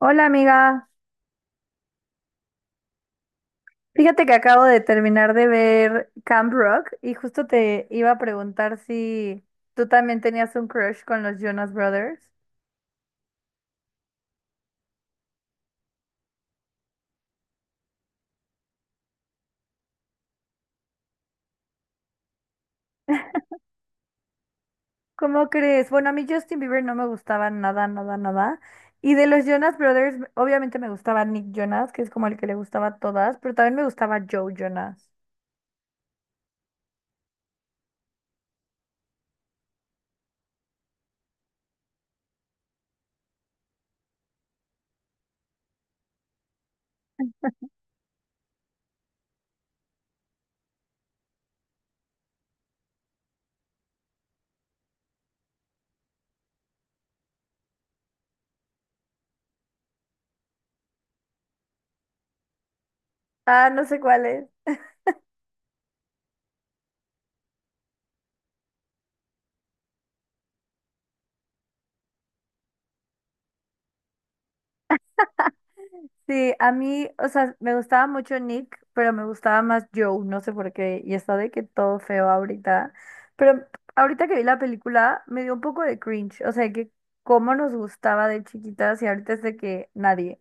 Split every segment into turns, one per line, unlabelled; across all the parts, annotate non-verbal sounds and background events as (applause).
Hola amiga, fíjate que acabo de terminar de ver Camp Rock y justo te iba a preguntar si tú también tenías un crush con los Jonas Brothers. ¿Cómo crees? Bueno, a mí Justin Bieber no me gustaba nada, nada, nada. Y de los Jonas Brothers, obviamente me gustaba Nick Jonas, que es como el que le gustaba a todas, pero también me gustaba Joe Jonas. Ah, no sé cuál es. Sí, a mí, o sea, me gustaba mucho Nick, pero me gustaba más Joe, no sé por qué, y está de que todo feo ahorita. Pero ahorita que vi la película, me dio un poco de cringe, o sea, que cómo nos gustaba de chiquitas y ahorita es de que nadie.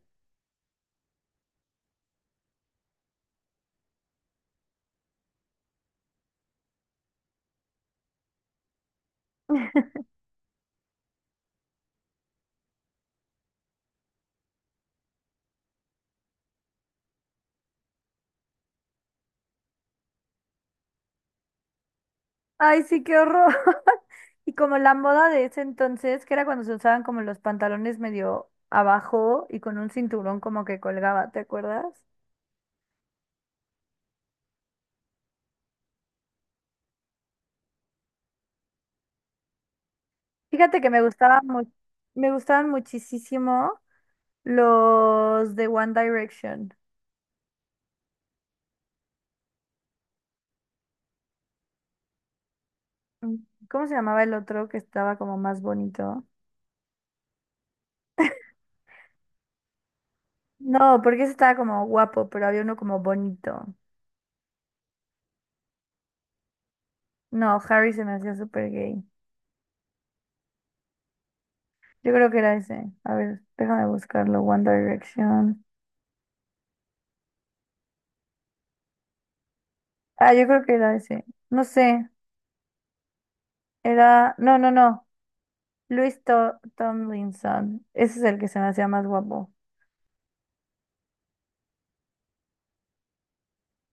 Ay, sí, qué horror. (laughs) Y como la moda de ese entonces, que era cuando se usaban como los pantalones medio abajo y con un cinturón como que colgaba, ¿te acuerdas? Fíjate que me gustaban muchísimo. Los de One Direction. Mm, ¿cómo se llamaba el otro que estaba como más bonito? No, porque ese estaba como guapo, pero había uno como bonito. No, Harry se me hacía súper gay. Yo creo que era ese. A ver, déjame buscarlo. One Direction. Ah, yo creo que era ese. No sé. Era. No, no, no. Luis Tomlinson. Ese es el que se me hacía más guapo.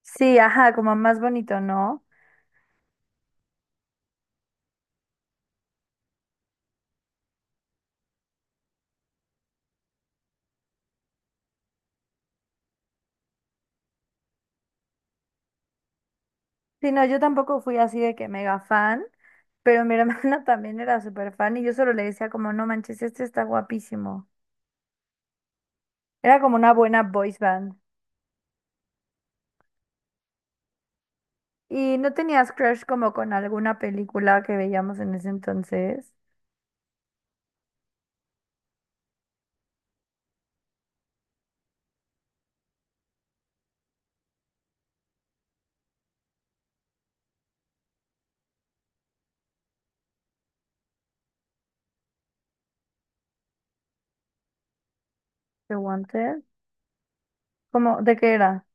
Sí, ajá, como más bonito, ¿no? Sí, no, yo tampoco fui así de que mega fan, pero mi hermana (laughs) también era súper fan y yo solo le decía como, no manches, este está guapísimo. Era como una buena boys band. ¿Y no tenías crush como con alguna película que veíamos en ese entonces? The Wanted. ¿Cómo? ¿De qué era?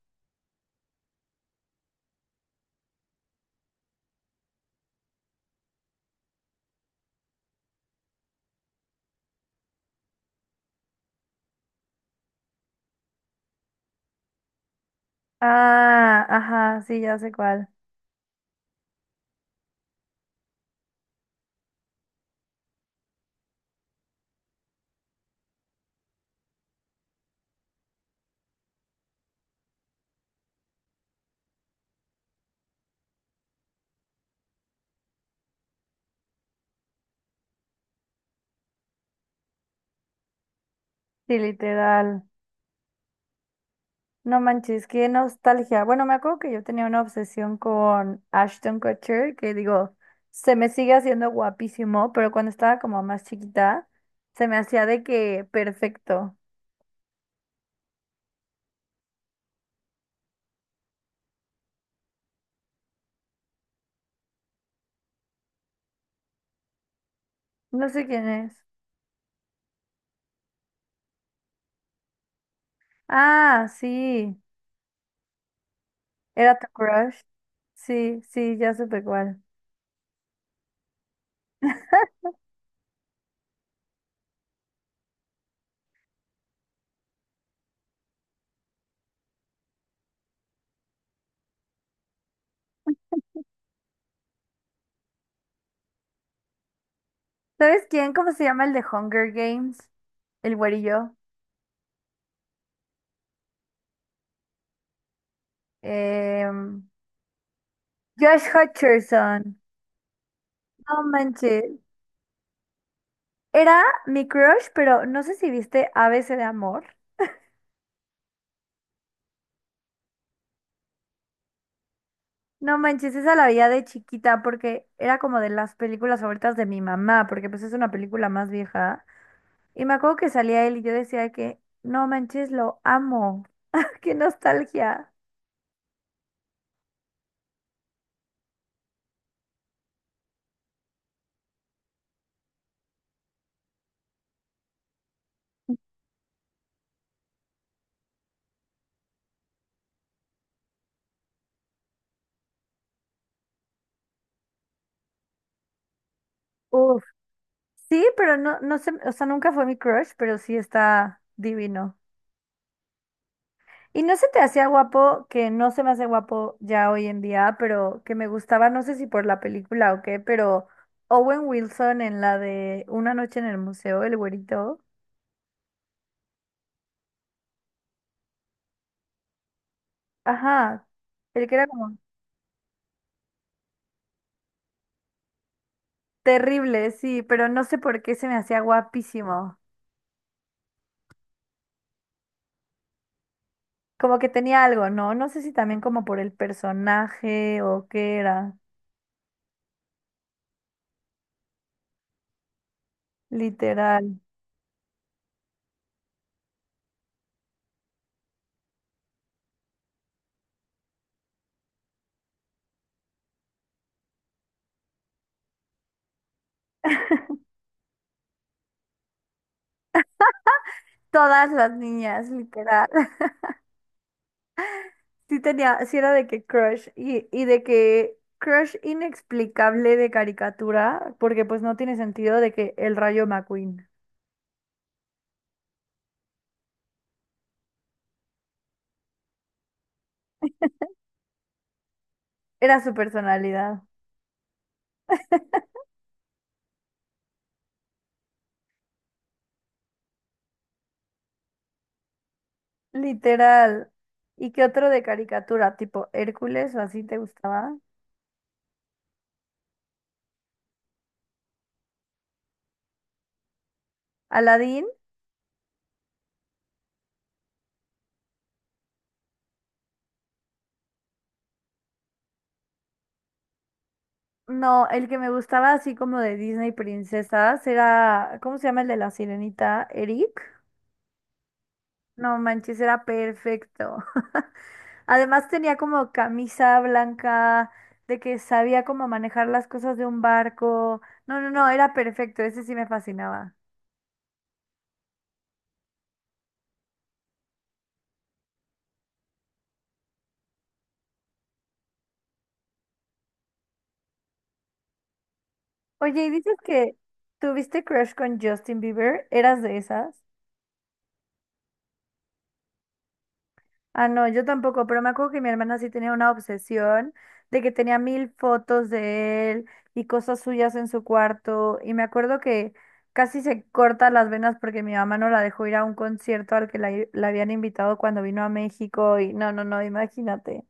Ah, ajá, sí, ya sé cuál. Sí, literal. No manches, qué nostalgia. Bueno, me acuerdo que yo tenía una obsesión con Ashton Kutcher, que digo, se me sigue haciendo guapísimo, pero cuando estaba como más chiquita, se me hacía de que perfecto. No sé quién es. Ah, sí, era tu crush. Sí, sí, ya supe cuál. ¿Sabes quién? ¿Cómo se llama el de Hunger Games? El güerillo. Em, Josh Hutcherson. No manches. Era mi crush, pero no sé si viste ABC de Amor. No manches, esa la veía de chiquita porque era como de las películas favoritas de mi mamá, porque pues es una película más vieja. Y me acuerdo que salía él y yo decía que, no manches, lo amo. (laughs) ¡Qué nostalgia! Uf. Sí, pero no, no sé, o sea, nunca fue mi crush, pero sí está divino. Y no se te hacía guapo, que no se me hace guapo ya hoy en día, pero que me gustaba, no sé si por la película o qué, pero Owen Wilson en la de Una noche en el museo, el güerito. Ajá. El que era como terrible, sí, pero no sé por qué se me hacía guapísimo. Como que tenía algo, ¿no? No sé si también como por el personaje o qué era. Literal. Todas las niñas, literal. (laughs) Sí tenía, sí era de que crush y, de que crush inexplicable de caricatura, porque pues no tiene sentido de que el Rayo McQueen era su personalidad. Literal. ¿Y qué otro de caricatura? ¿Tipo Hércules o así te gustaba? Aladín. No, el que me gustaba así como de Disney princesas era, ¿cómo se llama el de la sirenita? Eric. No manches, era perfecto. (laughs) Además tenía como camisa blanca, de que sabía cómo manejar las cosas de un barco. No, no, no, era perfecto, ese sí me fascinaba. Oye, y dices que tuviste crush con Justin Bieber, ¿eras de esas? Ah, no, yo tampoco, pero me acuerdo que mi hermana sí tenía una obsesión de que tenía 1,000 fotos de él y cosas suyas en su cuarto. Y me acuerdo que casi se corta las venas porque mi mamá no la dejó ir a un concierto al que la habían invitado cuando vino a México. Y no, no, no, imagínate.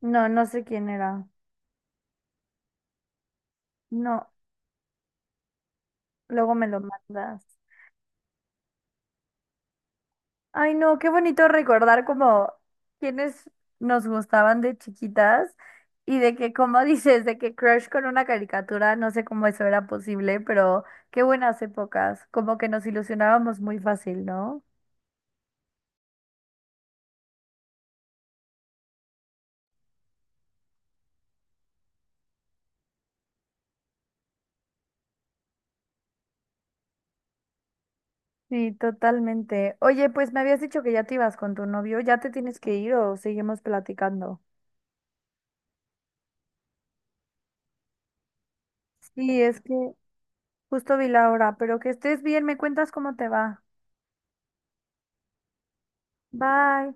No, no sé quién era. No, luego me lo mandas. Ay, no, qué bonito recordar como quienes nos gustaban de chiquitas y de que, como (laughs) dices, de que crush con una caricatura, no sé cómo eso era posible, pero qué buenas épocas, como que nos ilusionábamos muy fácil, ¿no? Sí, totalmente. Oye, pues me habías dicho que ya te ibas con tu novio, ¿ya te tienes que ir o seguimos platicando? Sí, es que justo vi la hora, pero que estés bien, me cuentas cómo te va. Bye.